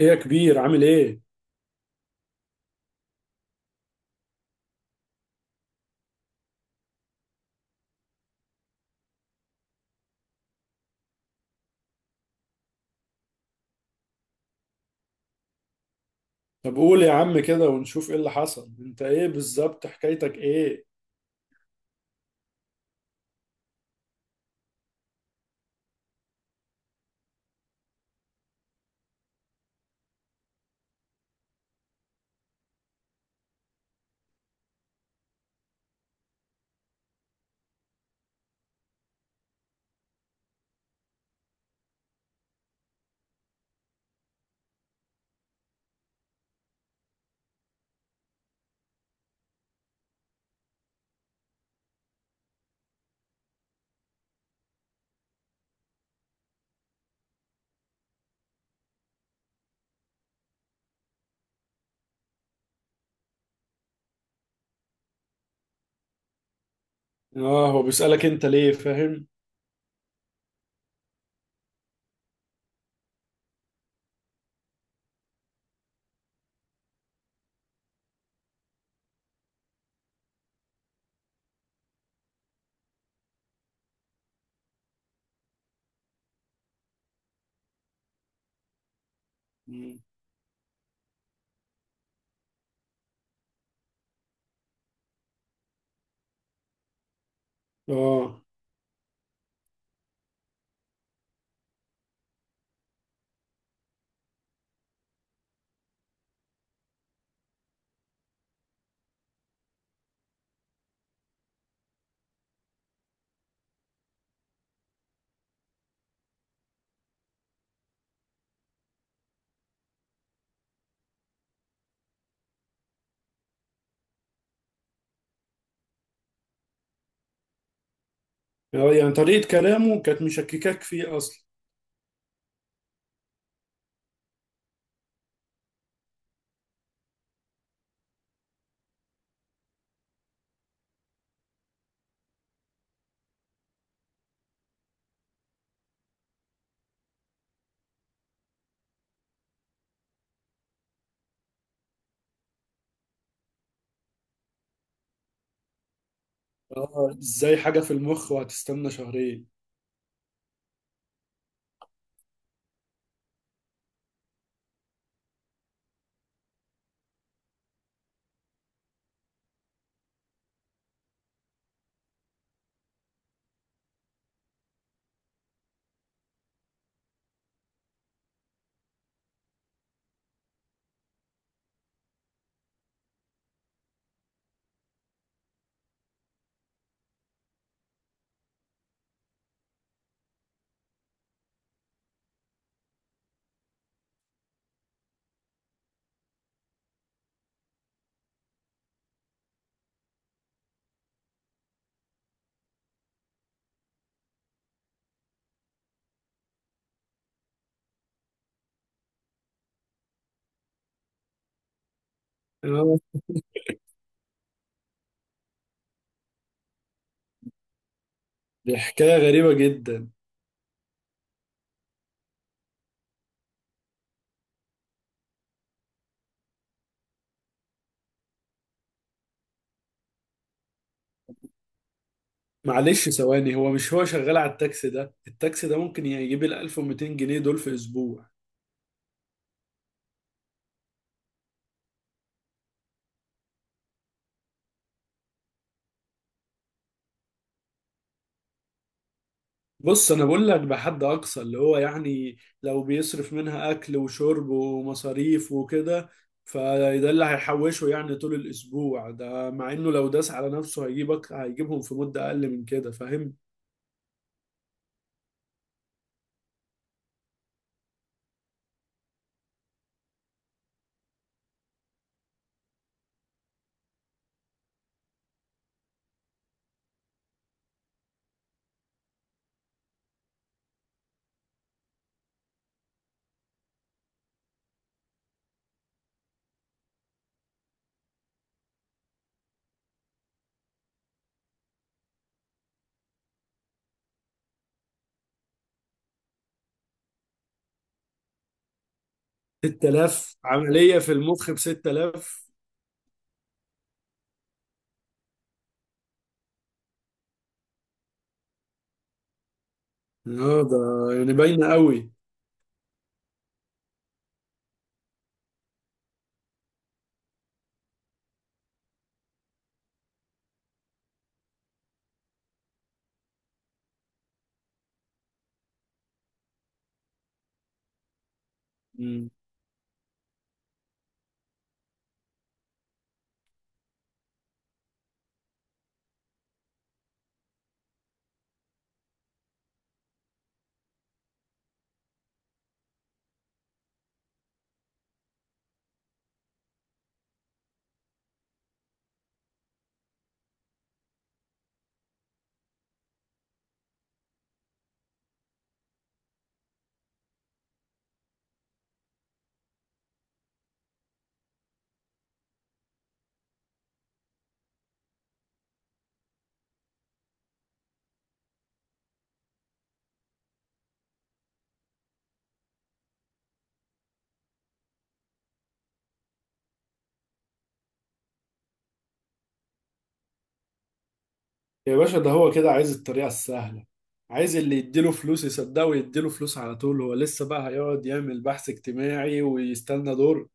ايه يا كبير، عامل ايه؟ طب قول يا عم كده ونشوف ايه اللي حصل، انت ايه بالظبط؟ حكايتك ايه؟ اه، هو بيسألك انت ليه؟ فاهم؟ مم. اه، يعني طريقة كلامه كانت مشككاك فيه اصلا. اه، ازاي حاجة في المخ وهتستنى شهرين؟ اه، دي حكاية غريبة جدا. معلش ثواني، هو مش هو شغال على التاكسي ده ممكن يجيب ال 1200 جنيه دول في اسبوع. بص انا بقول لك بحد اقصى اللي هو يعني لو بيصرف منها اكل وشرب ومصاريف وكده، فده اللي هيحوشه يعني طول الاسبوع ده، مع انه لو داس على نفسه هيجيبهم في مدة اقل من كده. فاهم؟ 6000؟ عملية في المخ ب 6000؟ اه، ده يعني باينة قوي. مم. يا باشا، ده هو كده عايز الطريقة السهلة، عايز اللي يديله فلوس يصدقه ويديله فلوس على طول. هو لسه بقى هيقعد يعمل بحث اجتماعي ويستنى دور؟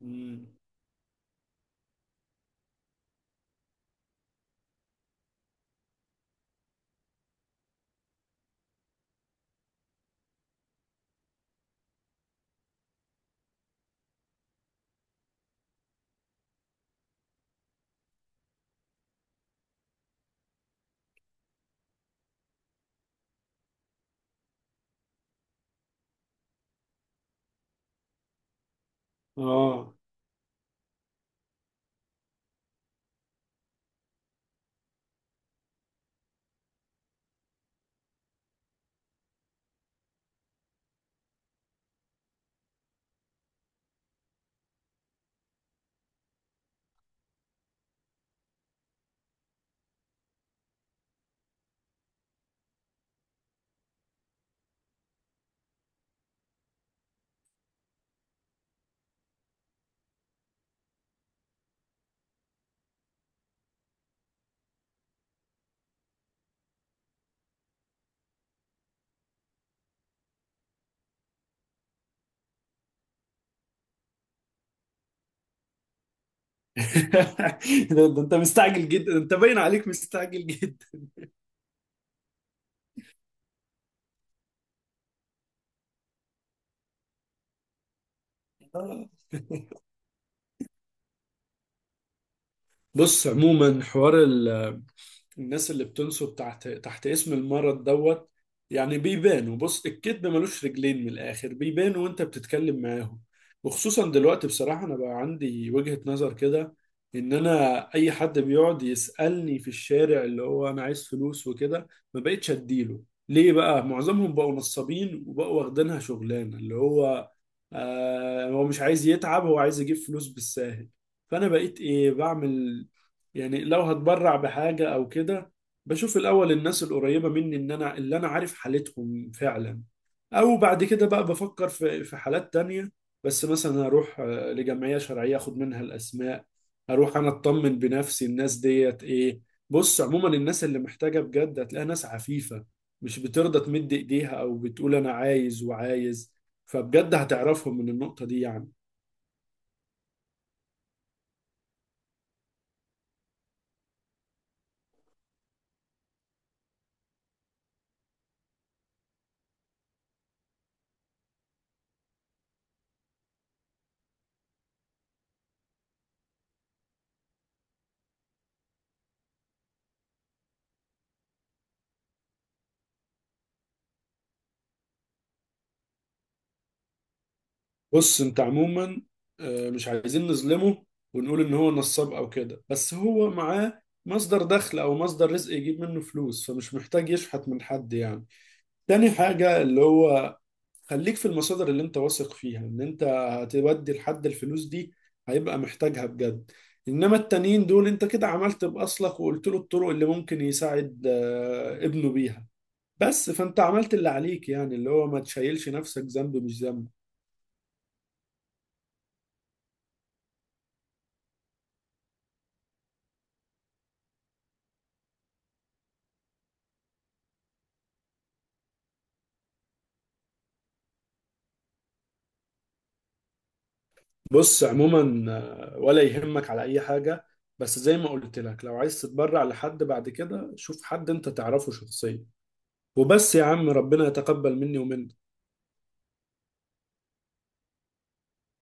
مم. اه. ده انت مستعجل جدا، انت باين عليك مستعجل جدا. آه. بص عموما، حوار الناس اللي بتنسب تحت اسم المرض دوت، يعني بيبانوا. بص، الكذب ملوش رجلين من الآخر، بيبانوا وانت بتتكلم معاهم. وخصوصا دلوقتي بصراحة انا بقى عندي وجهة نظر كده، ان انا اي حد بيقعد يسألني في الشارع اللي هو انا عايز فلوس وكده، ما بقتش اديله. ليه؟ بقى معظمهم بقوا نصابين وبقوا واخدينها شغلانة اللي هو، هو مش عايز يتعب، هو عايز يجيب فلوس بالساهل. فانا بقيت ايه بعمل؟ يعني لو هتبرع بحاجة أو كده، بشوف الأول الناس القريبة مني إن أنا اللي أنا عارف حالتهم فعلا، أو بعد كده بقى بفكر في حالات تانية. بس مثلا هروح لجمعية شرعية أخد منها الأسماء، هروح أنا أطمن بنفسي الناس ديت إيه. بص عموما، الناس اللي محتاجة بجد هتلاقيها ناس عفيفة، مش بترضى تمد إيديها أو بتقول أنا عايز وعايز. فبجد هتعرفهم من النقطة دي يعني. بص انت عموما، مش عايزين نظلمه ونقول ان هو نصاب او كده، بس هو معاه مصدر دخل او مصدر رزق يجيب منه فلوس، فمش محتاج يشحت من حد يعني. تاني حاجة اللي هو، خليك في المصادر اللي انت واثق فيها ان انت هتودي لحد الفلوس دي، هيبقى محتاجها بجد. انما التانيين دول، انت كده عملت باصلك وقلت له الطرق اللي ممكن يساعد ابنه بيها، بس. فانت عملت اللي عليك، يعني اللي هو ما تشيلش نفسك ذنب مش ذنب. بص عموما ولا يهمك على اي حاجه، بس زي ما قلت لك لو عايز تتبرع لحد بعد كده شوف حد انت تعرفه شخصيا. وبس يا عم، ربنا يتقبل مني ومنك.